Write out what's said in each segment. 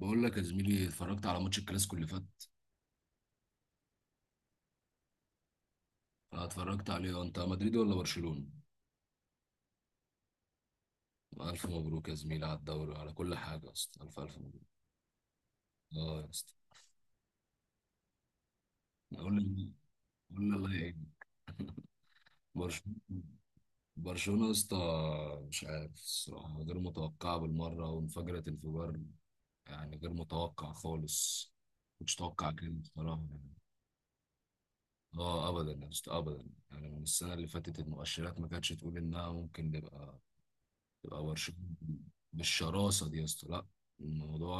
بقول لك يا زميلي، اتفرجت على ماتش الكلاسيكو اللي فات. انا اتفرجت عليه آه، انت مدريد ولا برشلونة؟ الف مبروك يا زميلي على الدوري على كل حاجة، يا اسطى الف الف مبروك. اه يا اسطى. قول لي قول لي الله يعينك. برشلونة. برشلونة يا اسطى، مش عارف الصراحة، غير متوقعة بالمرة وانفجرت انفجار. يعني غير متوقع خالص. مش متوقع كده بصراحة. اه ابدا يا اسطى ابدا. يعني من السنة اللي فاتت المؤشرات ما كانتش تقول انها ممكن نبقى، تبقى برشلونة بالشراسة دي يا اسطى. لا. الموضوع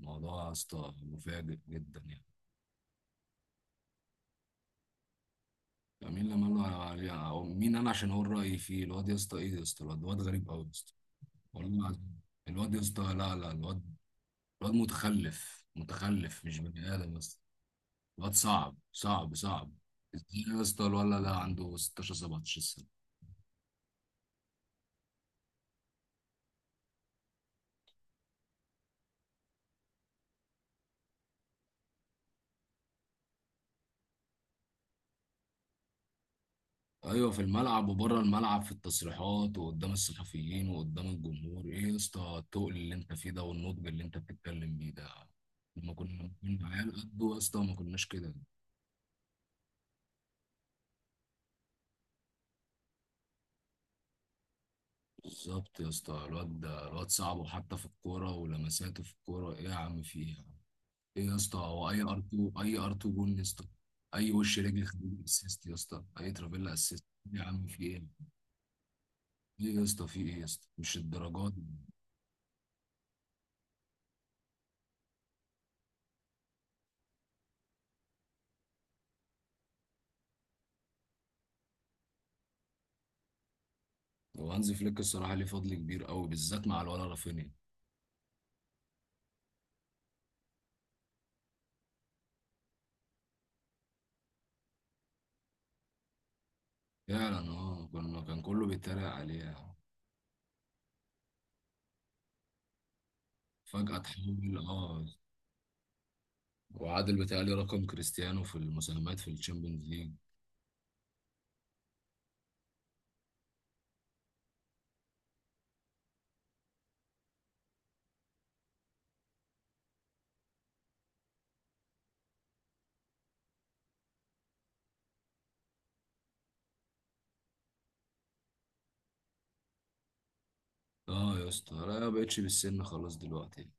موضوع يا اسطى مفاجئ جدا يعني. يعني مين لما قال له عليه- أو مين انا عشان اقول رايي فيه الواد. يا اسطى، ايه يا اسطى، الواد غريب قوي يا اسطى. والله العظيم. الواد يا اسطى، لا لا. الواد الواد متخلف، متخلف مش بني ادم يا اسطى. الواد صعب صعب صعب. ازاي يا اسطى الولد ده عنده 16 17 سنة؟ ايوه، في الملعب وبره الملعب، في التصريحات وقدام الصحفيين وقدام الجمهور، ايه يا اسطى التقل اللي انت فيه ده والنضج اللي انت بتتكلم بيه ده. لما كنا عيال قده يا اسطى ما كناش كده. بالظبط يا اسطى. الواد ده الواد صعب، وحتى في الكوره ولمساته في الكوره، ايه يا عم في ايه يا عم. ايه يا اسطى، هو اي ار 2 اي ار 2 جون يا اسطى. اي وش رجل خليل اسيست يا اسطى، اي ترافيلا اسيست. يا عم في ايه، ايه يا اسطى، في ايه يا اسطى، مش الدرجات. وهانز فليك الصراحة ليه فضل كبير قوي، بالذات مع الولا رافينيا. فعلا اه، كان كله بيتريق عليه يعني. فجأة تحول اه، وعادل بيتهيألي رقم كريستيانو في المساهمات في الشامبيونز ليج. اه يا اسطى لا، ما بقتش بالسن خلاص دلوقتي.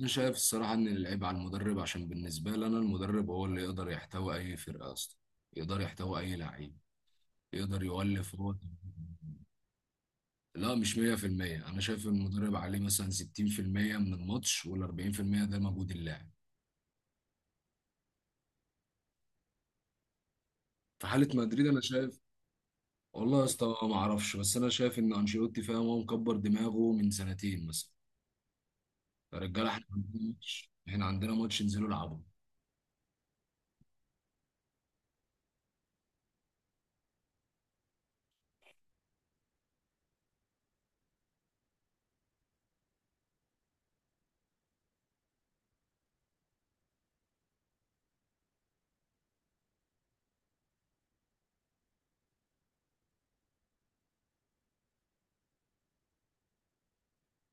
انا شايف الصراحة ان العيب على المدرب، عشان بالنسبة لي انا المدرب هو اللي يقدر يحتوي اي فرقة اصلا، يقدر يحتوي اي لعيب، يقدر يولف هو. لا مش 100%، انا شايف المدرب عليه مثلا 60% من الماتش، وال 40% ده مجهود اللاعب. في حاله مدريد انا شايف. والله يا اسطى ما اعرفش، بس انا شايف ان انشيلوتي فاهم، هو مكبر دماغه من سنتين مثلا. يا رجاله احنا عندنا ماتش، احنا عندنا ماتش، انزلوا العبوا.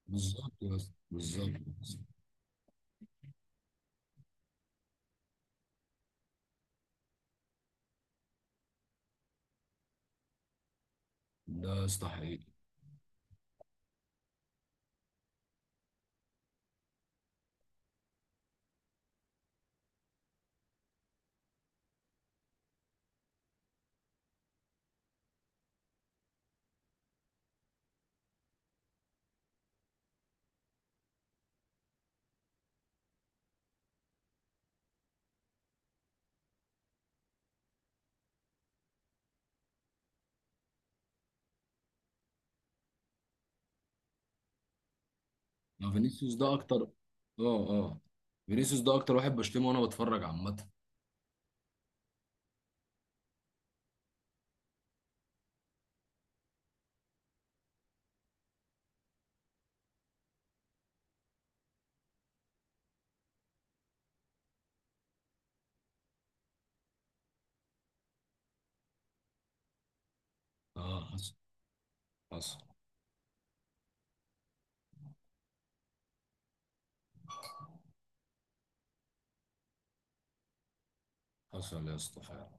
بالظبط يا اسطى، بالظبط يا اسطى. ده يا اسطى حقيقي. ما فينيسيوس ده اكتر اه. اه، فينيسيوس ده اكتر واحد بشتمه وانا بتفرج عامه. اه، حصل. حصل. حصل يا اسطى فعلا.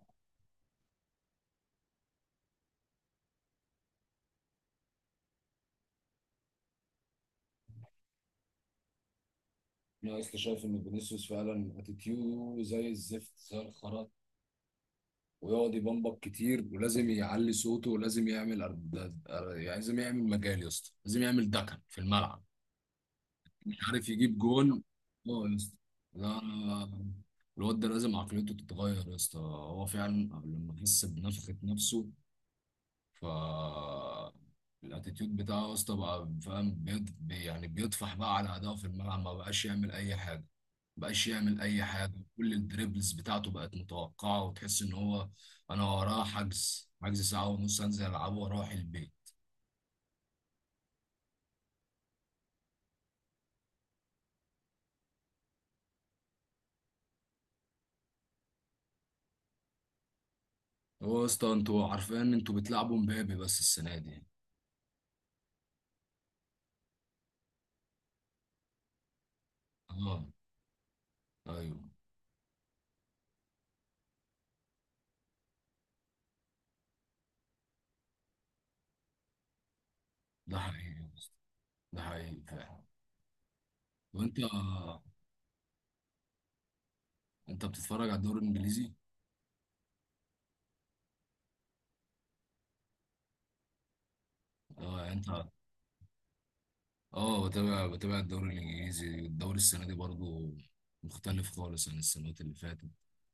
انا يا اسطى شايف ان فينيسيوس فعلا اتيتيوده زي الزفت زي الخرا، ويقعد يبمبك كتير، ولازم يعلي صوته، ولازم يعمل يعني لازم يعمل مجال يا اسطى، لازم يعمل دكن في الملعب. مش عارف يجيب جون. اه يا اسطى. لا. الواد ده لازم عقليته تتغير يا اسطى، هو فعلا قبل ما يحس بنفخة نفسه ف الاتيتيود بتاعه يا اسطى بقى، فاهم، يعني بيطفح بقى على اداءه في الملعب، ما بقاش يعمل اي حاجه. ما بقاش يعمل اي حاجه، كل الدريبلز بتاعته بقت متوقعه، وتحس ان هو انا وراه حجز ساعه ونص انزل العبه واروح البيت. هو يا اسطى انتوا عارفين ان انتوا بتلعبوا مبابي بس السنه دي. اه. ايوه. ده حقيقي يا اسطى. ده حقيقي فعلا. وانت بتتفرج على الدوري الانجليزي؟ اه يعني انت. اه بتابع الدوري الانجليزي، الدوري السنه دي برضو مختلف خالص عن السنوات اللي فاتت،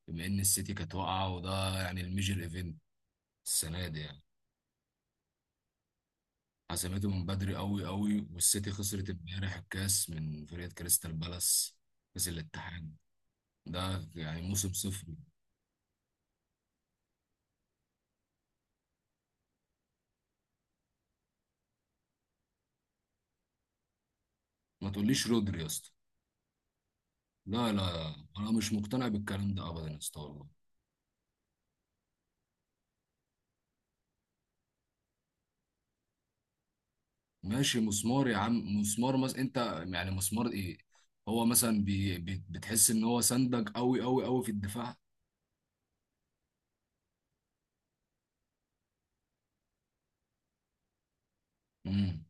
بما ان السيتي كانت واقعه وده يعني الميجر ايفنت السنه دي يعني. حسمته من بدري قوي قوي، والسيتي خسرت امبارح الكاس من فريق كريستال بالاس، كاس الاتحاد. ده يعني موسم صفر. ما تقوليش رودري يا اسطى. لا لا، انا مش مقتنع بالكلام ده ابدا يا اسطى والله. ماشي مسمار يا عم مسمار، مثلا انت يعني مسمار ايه؟ هو مثلا بي بي بتحس ان هو سندك قوي قوي قوي في الدفاع؟ امم.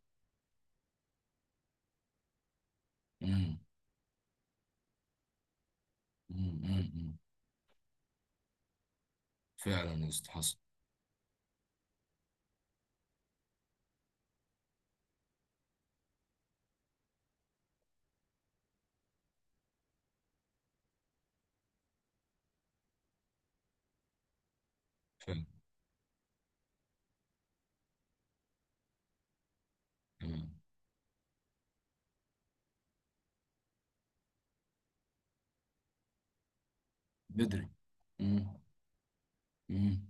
امم. امم. امم. فعلا يا اسطى حصل. فعلا. امم. بدري. امم. امم.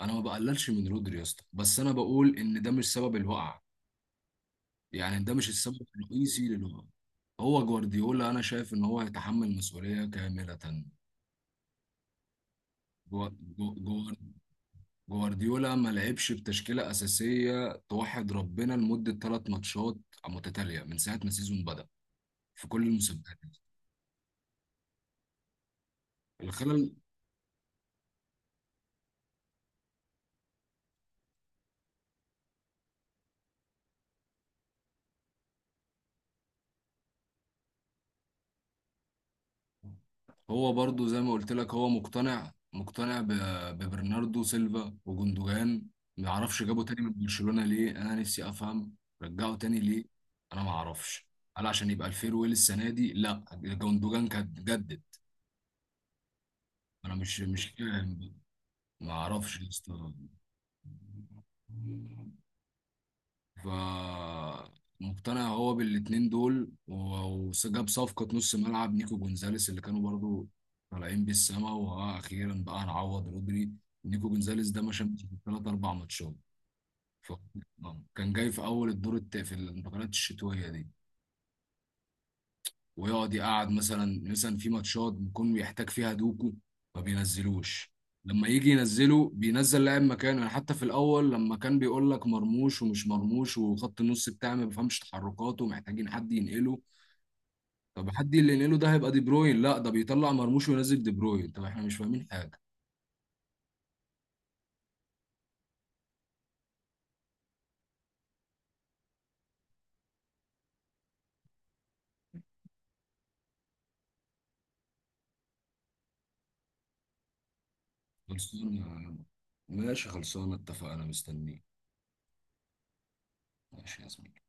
انا ما بقللش من رودري يا اسطى، بس انا بقول ان ده مش سبب الوقعه، يعني ده مش السبب الرئيسي للوقعه. هو جوارديولا، انا شايف ان هو يتحمل مسؤوليه كامله. جو- جو- جوارديولا ما لعبش بتشكيلة أساسية توحد ربنا لمدة ثلاث ماتشات متتالية من ساعة ما السيزون بدأ، في كل المسابقات. الخلل. هو برضو زي ما قلت لك، هو مقتنع ببرناردو سيلفا وجندوجان، ما اعرفش جابوا تاني من برشلونة ليه، انا نفسي افهم. رجعوا تاني ليه. انا ما اعرفش. هل عشان يبقى الفيرويل السنة دي؟ لا جندوجان كان جدد. انا مش فاهم. ما اعرفش يا اسطى. فمقتنع هو بالاتنين دول و- وجاب صفقة نص ملعب نيكو جونزاليس، اللي كانوا برضو طالعين بالسما، وها أخيرا بقى نعوض رودري. نيكو جونزاليس ده ما شافش في ثلاث أربع ماتشات، فكان جاي في أول في الانتقالات الشتوية دي. ويقعد يقعد مثلا مثلا في ماتشات بيكون بيحتاج فيها دوكو ما بينزلوش. لما يجي ينزله بينزل لاعب مكانه يعني، حتى في الاول لما كان بيقول لك مرموش ومش مرموش، وخط النص بتاعي ما بيفهمش تحركاته، محتاجين حد ينقله. طب حد اللي ينقله ده هيبقى دي بروين؟ لا ده بيطلع مرموش وينزل دي بروين، طب احنا مش فاهمين حاجه. خلصانه. ماشي خلصانه اتفقنا، مستنيك. ماشي يا زميلي.